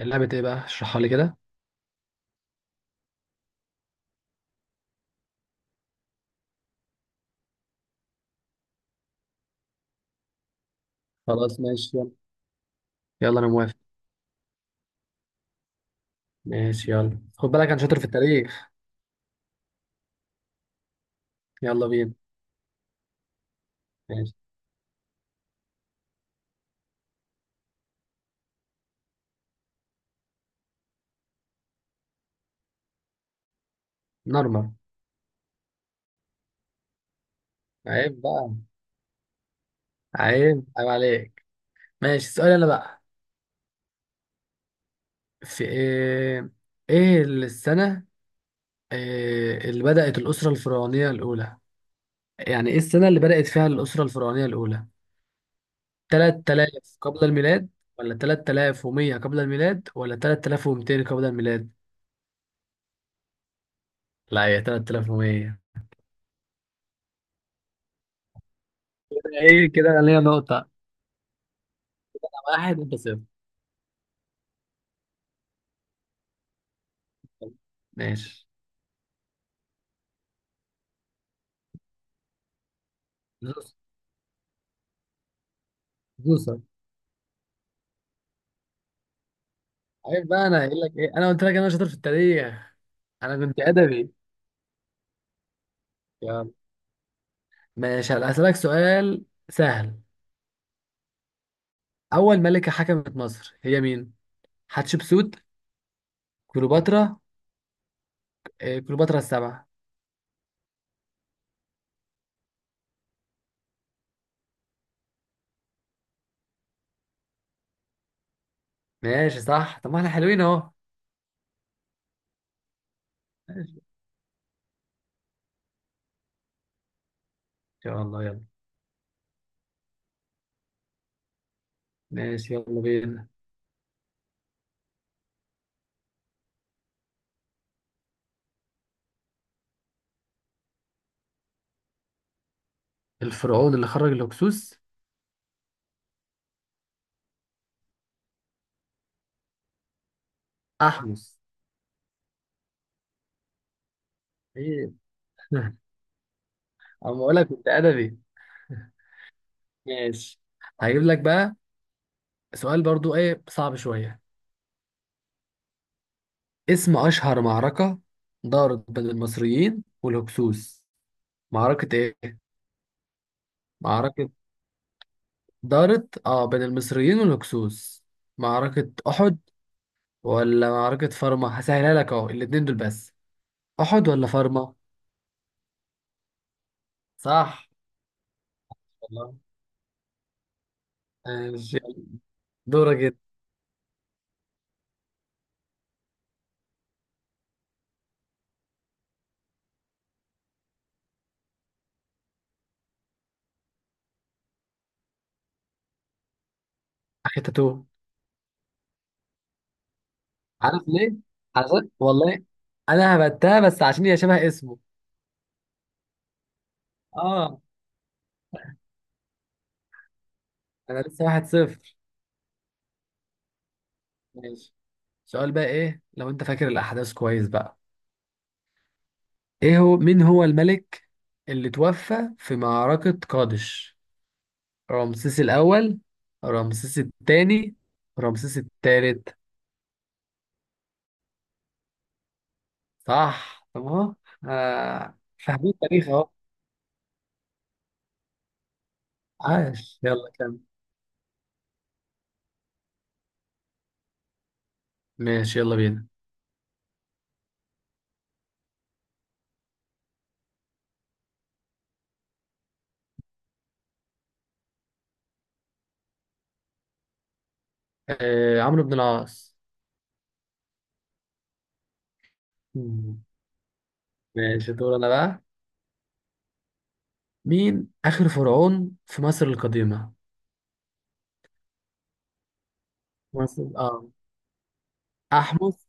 اللعبة ايه بقى؟ اشرحها لي كده. خلاص ماشي، يلا. يلا انا موافق. ماشي يلا، خد بالك انا شاطر في التاريخ. يلا بينا. ماشي. نورمال. عيب بقى. عيب عيب عليك. ماشي، السؤال انا بقى. في ايه؟ ايه السنة؟ إيه اللي بدأت الأسرة الفرعونية الأولى؟ يعني ايه السنة اللي بدأت فيها الأسرة الفرعونية الأولى؟ 3000 قبل الميلاد ولا 3100 قبل الميلاد ولا 3200 قبل الميلاد؟ لا، هي 3100. ايه كده، انا ليا نقطة. واحد انت صفر. ماشي. زوس. زوسة. عيب بقى، انا قايل لك ايه، انا قلت لك انا شاطر في التاريخ. انا كنت ادبي. يلا. ماشي، هلا هسألك سؤال سهل. اول ملكة حكمت مصر هي مين؟ حتشبسوت. كليوباترا. إيه كليوباترا السبعة. ماشي صح، طب ما احنا حلوين اهو. ماشي، ان شاء الله، يلا. ماشي يلا بينا. الفرعون اللي خرج الهكسوس. احمس. ايه. اما اقول لك كنت ادبي. ماشي، هجيب لك بقى سؤال برضو، ايه صعب شوية. اسم أشهر معركة دارت بين المصريين والهكسوس. معركة إيه؟ معركة دارت بين المصريين والهكسوس. معركة أحد ولا معركة فارما؟ هسهلها لك أهو، الاتنين دول بس. أحد ولا فارما؟ صح، والله. ماشي يلا. دورك جدا. أخي تاتو. عارف ليه؟ عشان والله أنا هبتها بس عشان هي شبه اسمه. آه. أنا لسه واحد صفر. ماشي، سؤال بقى، إيه لو أنت فاكر الأحداث كويس بقى. ايه هو؟ مين هو الملك اللي توفى في معركة قادش؟ رمسيس الأول، رمسيس الثاني، رمسيس الثالث. صح، طب اهو. آه، فاهمين التاريخ اهو. عاش، يلا كمل. ماشي يلا بينا. آه، عمرو بن العاص. مم. ماشي، دور انا بقى. مين آخر فرعون في مصر القديمة؟ مصر، اه. أحمس،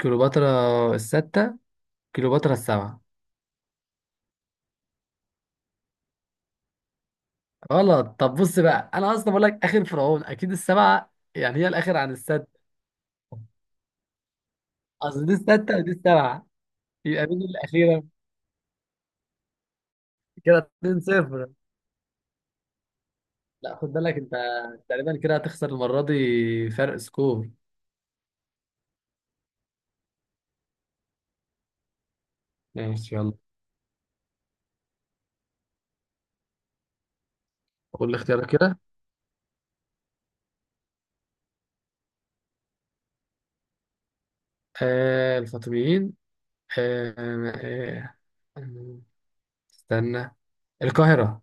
كليوباترا الستة، كليوباترا السبعة. غلط، طب بص بقى، انا اصلا بقول لك اخر فرعون اكيد السبعه، يعني هي الاخر عن السادسه. اصل دي السادسه ودي السبعه، يبقى مين الاخيره؟ كده 2 0. لا، خد بالك انت تقريبا كده هتخسر المره دي فرق سكور. ماشي يلا. قول لي اختيارك كده. آه، الفاطميين. آه، آه. آه، استنى. القاهره.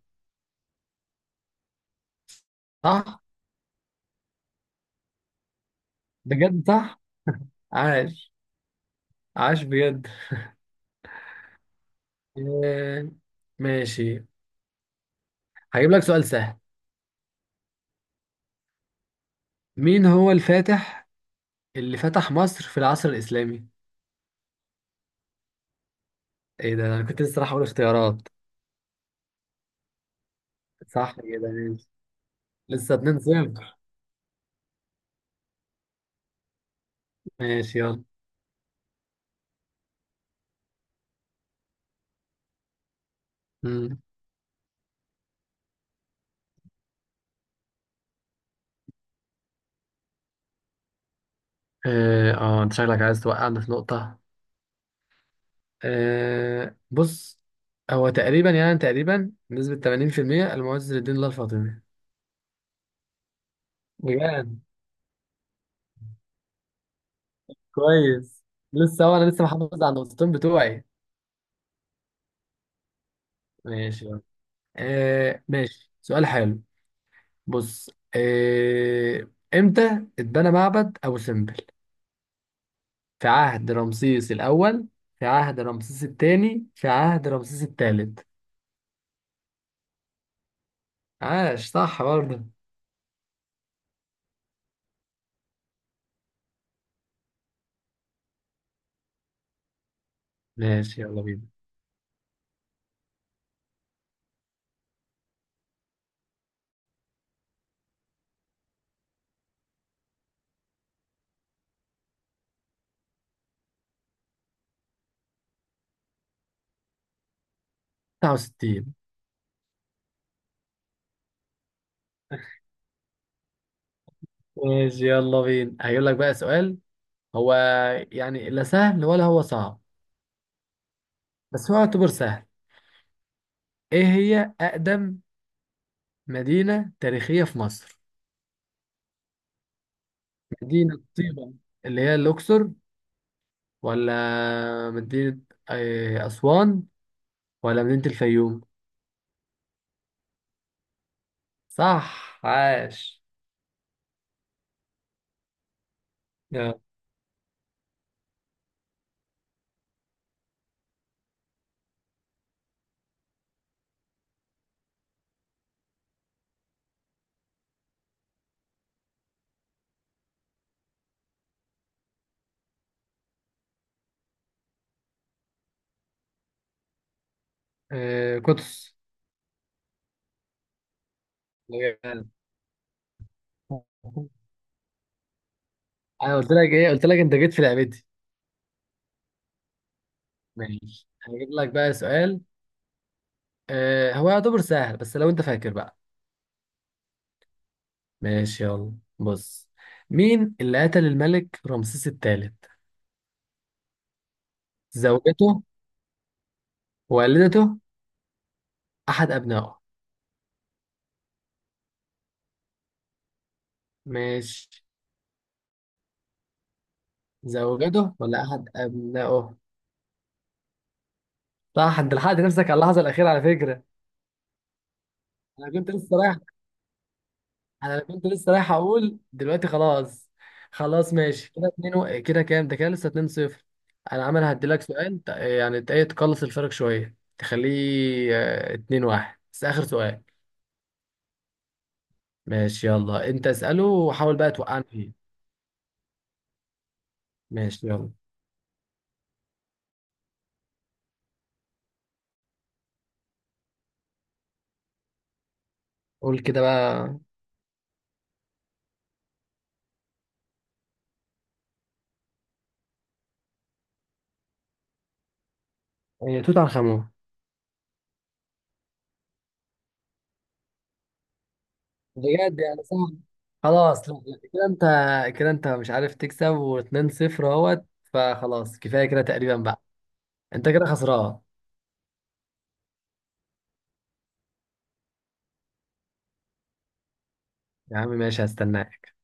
صح. بجد صح. عاش. عاش بجد. آه. ماشي، هجيب لك سؤال سهل. مين هو الفاتح اللي فتح مصر في العصر الإسلامي؟ ايه ده، انا كنت لسه راح اقول اختيارات. صح كده، ماشي. لسه 2 0. ماشي يلا. مم. اه، انت شكلك عايز توقعنا في نقطة. بص، هو تقريبا، بنسبة 80%، المعز لدين الله الفاطمي. بجد، كويس. لسه هو، انا لسه محافظ على النقطتين بتوعي. ماشي يلا. ماشي، سؤال حلو. بص. آه. امتى اتبنى معبد ابو سمبل؟ في عهد رمسيس الأول، في عهد رمسيس الثاني، في عهد رمسيس الثالث. عاش، صح برضه. ماشي يلا بينا. 69. ماشي يلا بينا، هيقول لك بقى سؤال، هو يعني لا سهل ولا هو صعب، بس هو يعتبر سهل. ايه هي أقدم مدينة تاريخية في مصر؟ مدينة طيبة اللي هي الأقصر، ولا مدينة أسوان، ولا مدينة الفيوم؟ صح، عاش. يلا. آه، قدس. انا قلت لك ايه، قلت لك انت جيت في لعبتي. ماشي، هجيب لك بقى سؤال. هو يعتبر سهل بس لو انت فاكر بقى. ماشي يلا، بص. مين اللي قتل الملك رمسيس الثالث؟ زوجته، والدته، احد ابنائه. ماشي. زوجته ولا احد ابنائه؟ صح، انت لحقت نفسك على اللحظه الاخيره على فكره. انا كنت لسه رايح انا كنت لسه رايح اقول دلوقتي خلاص. خلاص ماشي، كده اتنين كده كام ده، كده لسه 2 0. انا عمال هديلك سؤال يعني ايه تقلص الفرق شويه، تخليه 2 1، بس اخر سؤال. ماشي يلا، انت اساله وحاول بقى توقعني فيه. ماشي يلا. قول كده بقى. توت عنخ امون. بجد يعني صعب. خلاص لا، لا، كده انت مش عارف تكسب و2 0 اهوت. فخلاص كفايه كده تقريبا بقى. انت كده خسران. يا عم ماشي، هستناك.